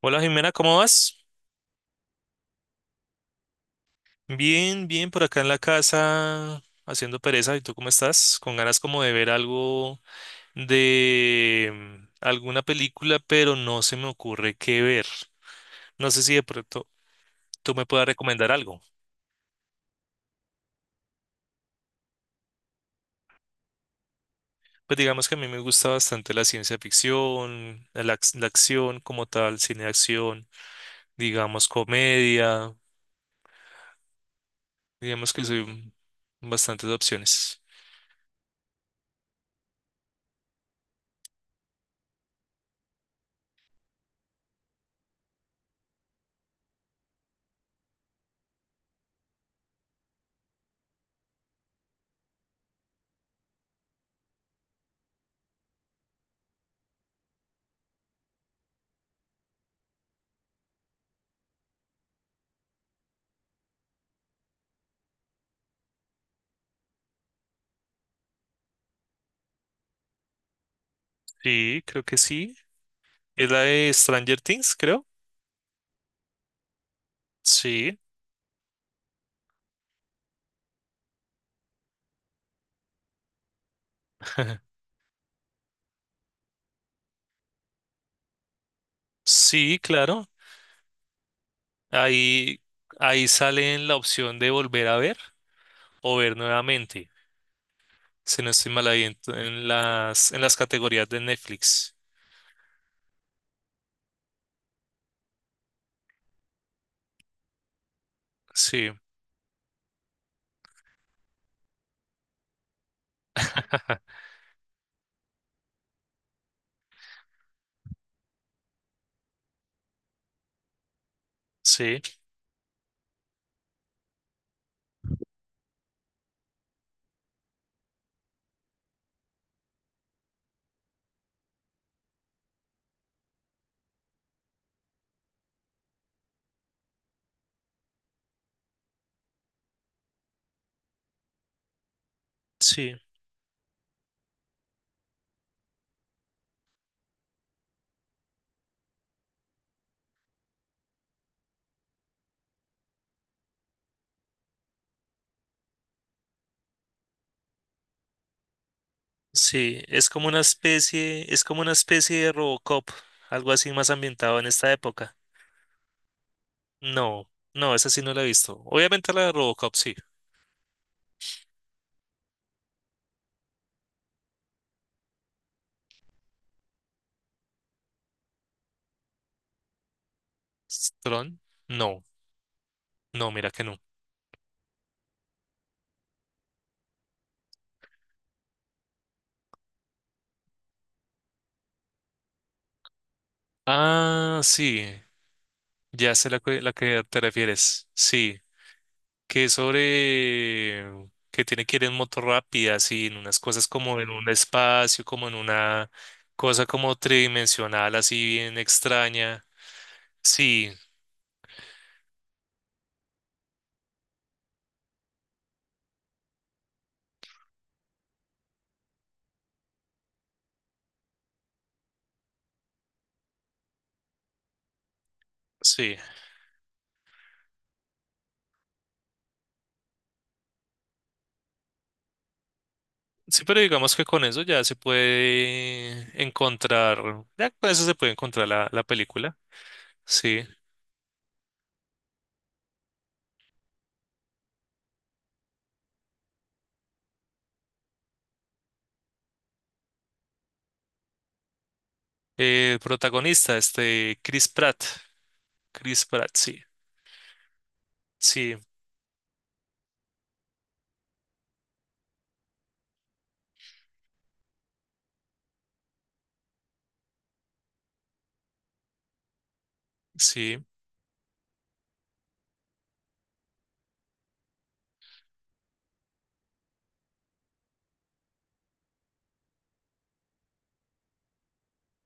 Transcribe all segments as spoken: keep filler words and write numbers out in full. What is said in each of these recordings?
Hola, Jimena, ¿cómo vas? Bien, bien, por acá en la casa haciendo pereza. ¿Y tú cómo estás? Con ganas como de ver algo de mm, alguna película, pero no se me ocurre qué ver. No sé si de pronto tú me puedas recomendar algo. Pues digamos que a mí me gusta bastante la ciencia ficción, la, ac- la acción como tal, cine de acción, digamos comedia, digamos que soy un- bastantes opciones. Sí, creo que sí. Es la de Stranger Things, creo. Sí. Sí, claro. Ahí, ahí sale en la opción de volver a ver o ver nuevamente. Si no estoy mal ahí en, en las, en las categorías de Netflix. Sí, sí, sí, sí. Es como una especie, es como una especie de Robocop, algo así más ambientado en esta época. No, no, esa sí no la he visto. Obviamente la de Robocop, sí. ¿Tron? No, no, mira que no. Ah, sí, ya sé la que, la que te refieres. Sí. Que es sobre mm, que tiene que ir en moto rápida, así, en unas cosas como en un espacio, como en una cosa como tridimensional, así bien extraña. Sí, sí. Sí, pero digamos que con eso ya se puede encontrar, ya con eso se puede encontrar la, la película. Sí. Eh, el protagonista, este, Chris Pratt. Chris Pratt, sí. Sí, sí,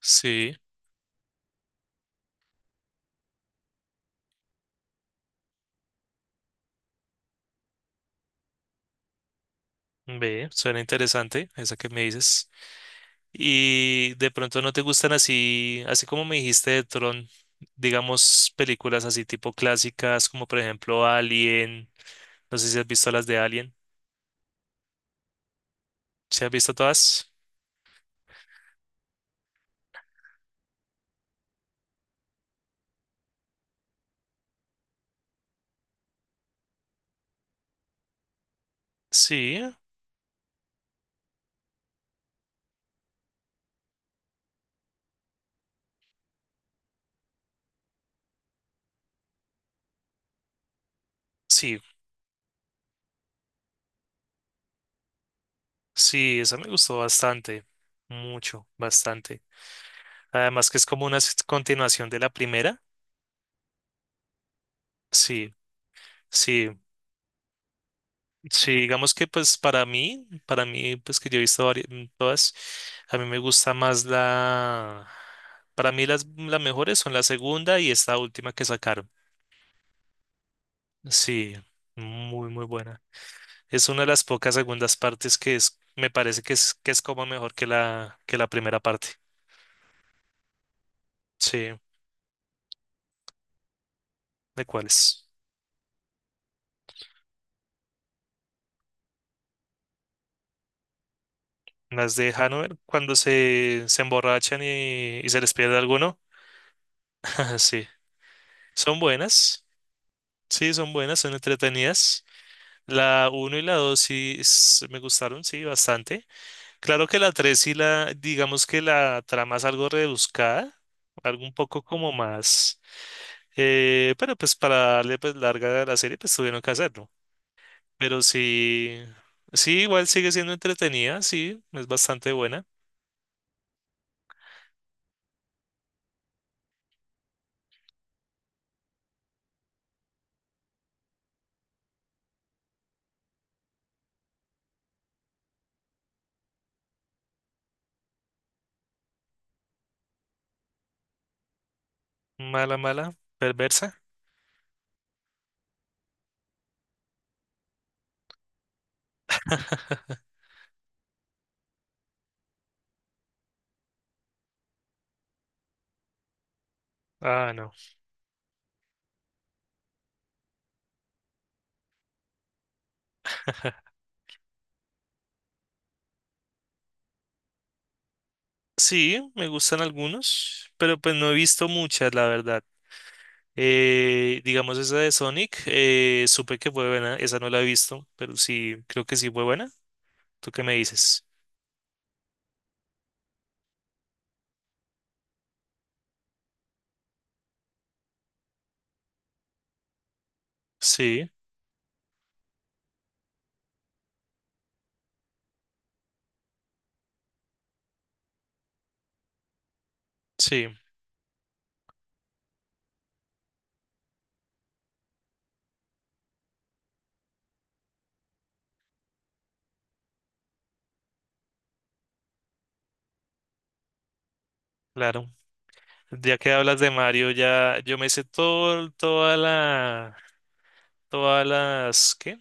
sí. Ve, suena interesante esa que me dices. Y de pronto no te gustan así, así como me dijiste de Tron, digamos películas así tipo clásicas, como por ejemplo Alien. No sé si has visto las de Alien. ¿Sí has visto todas? Sí, sí, sí, esa me gustó bastante, mucho, bastante. Además que es como una s- continuación de la primera. Sí, sí. Sí, digamos que pues para mí, para mí pues que yo he visto varias, todas, a mí me gusta más la, para mí las, las mejores son la segunda y esta última que sacaron. Sí, muy muy buena. Es una de las pocas segundas partes que es, me parece que es, que es como mejor que la, que la primera parte. Sí, ¿de cuáles? Las de Hanover cuando se, se emborrachan y, y se les pierde alguno. Sí, son buenas. Sí, son buenas, son entretenidas. La uno y la dos sí s- me gustaron, sí, bastante. Claro que la tres y la, digamos que la trama es algo rebuscada, algo un poco como más, eh, pero pues para darle pues larga a la serie pues tuvieron que hacerlo. Pero sí, sí, igual sigue siendo entretenida, sí, es bastante buena. Mala, mala, perversa. Ah, no. Sí, me gustan algunos, pero pues no he visto muchas, la verdad. Eh, digamos esa de Sonic, eh, supe que fue buena, esa no la he visto, pero sí, creo que sí fue buena. ¿Tú qué me dices? Sí, sí, claro. Ya que hablas de Mario, ya yo me sé todo, toda la, todas las, ¿qué?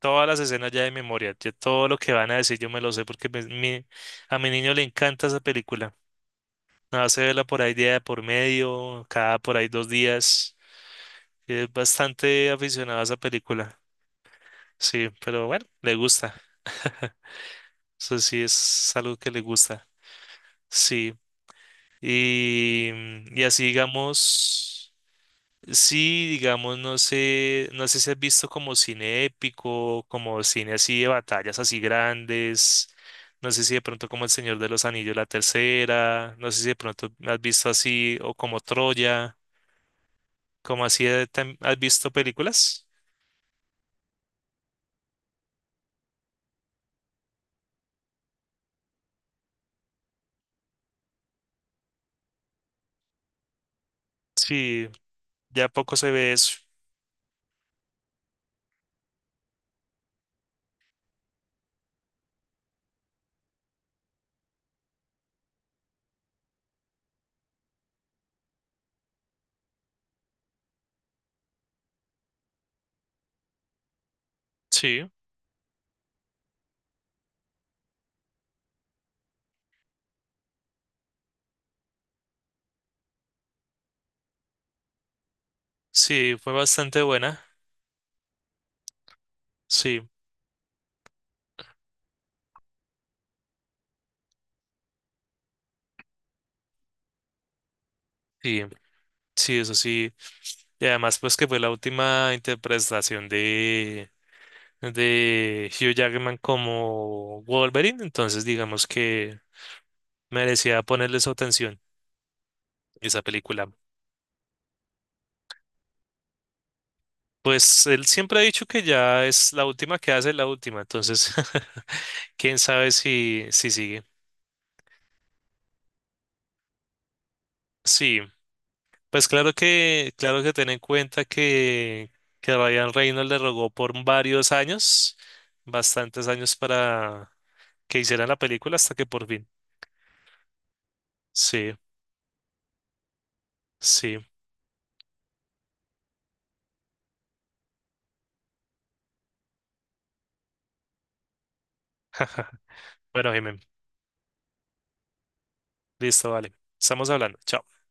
Todas las escenas ya de memoria, ya todo lo que van a decir yo me lo sé porque me- mi- a mi niño le encanta esa película. Nada, se verla por ahí día de por medio, cada por ahí dos días. Es bastante aficionado a esa película. Sí, pero bueno, le gusta. Eso sí es algo que le gusta. Sí. Y, mm, y así digamos, sí, digamos, no sé, no sé si has visto como cine épico, como cine así de batallas así grandes. No sé si de pronto como El Señor de los Anillos, la tercera. No sé si de pronto has visto así o como Troya, como así de tam- has visto películas. Sí, ya poco se ve eso. Sí, sí, fue bastante buena. Sí. Sí, sí, eso sí. Y además, pues que fue la última interpretación de, de Hugh Jackman como Wolverine, entonces digamos que merecía ponerle su atención esa película. Pues él siempre ha dicho que ya es la última que hace, la última, entonces quién sabe si, si sigue. Sí, pues claro que, claro que ten en cuenta que, que Ryan Reynolds le rogó por varios años, bastantes años para que hicieran la película hasta que por fin. Sí, sí. Bueno, Jimen, listo, vale. Estamos hablando. Chao.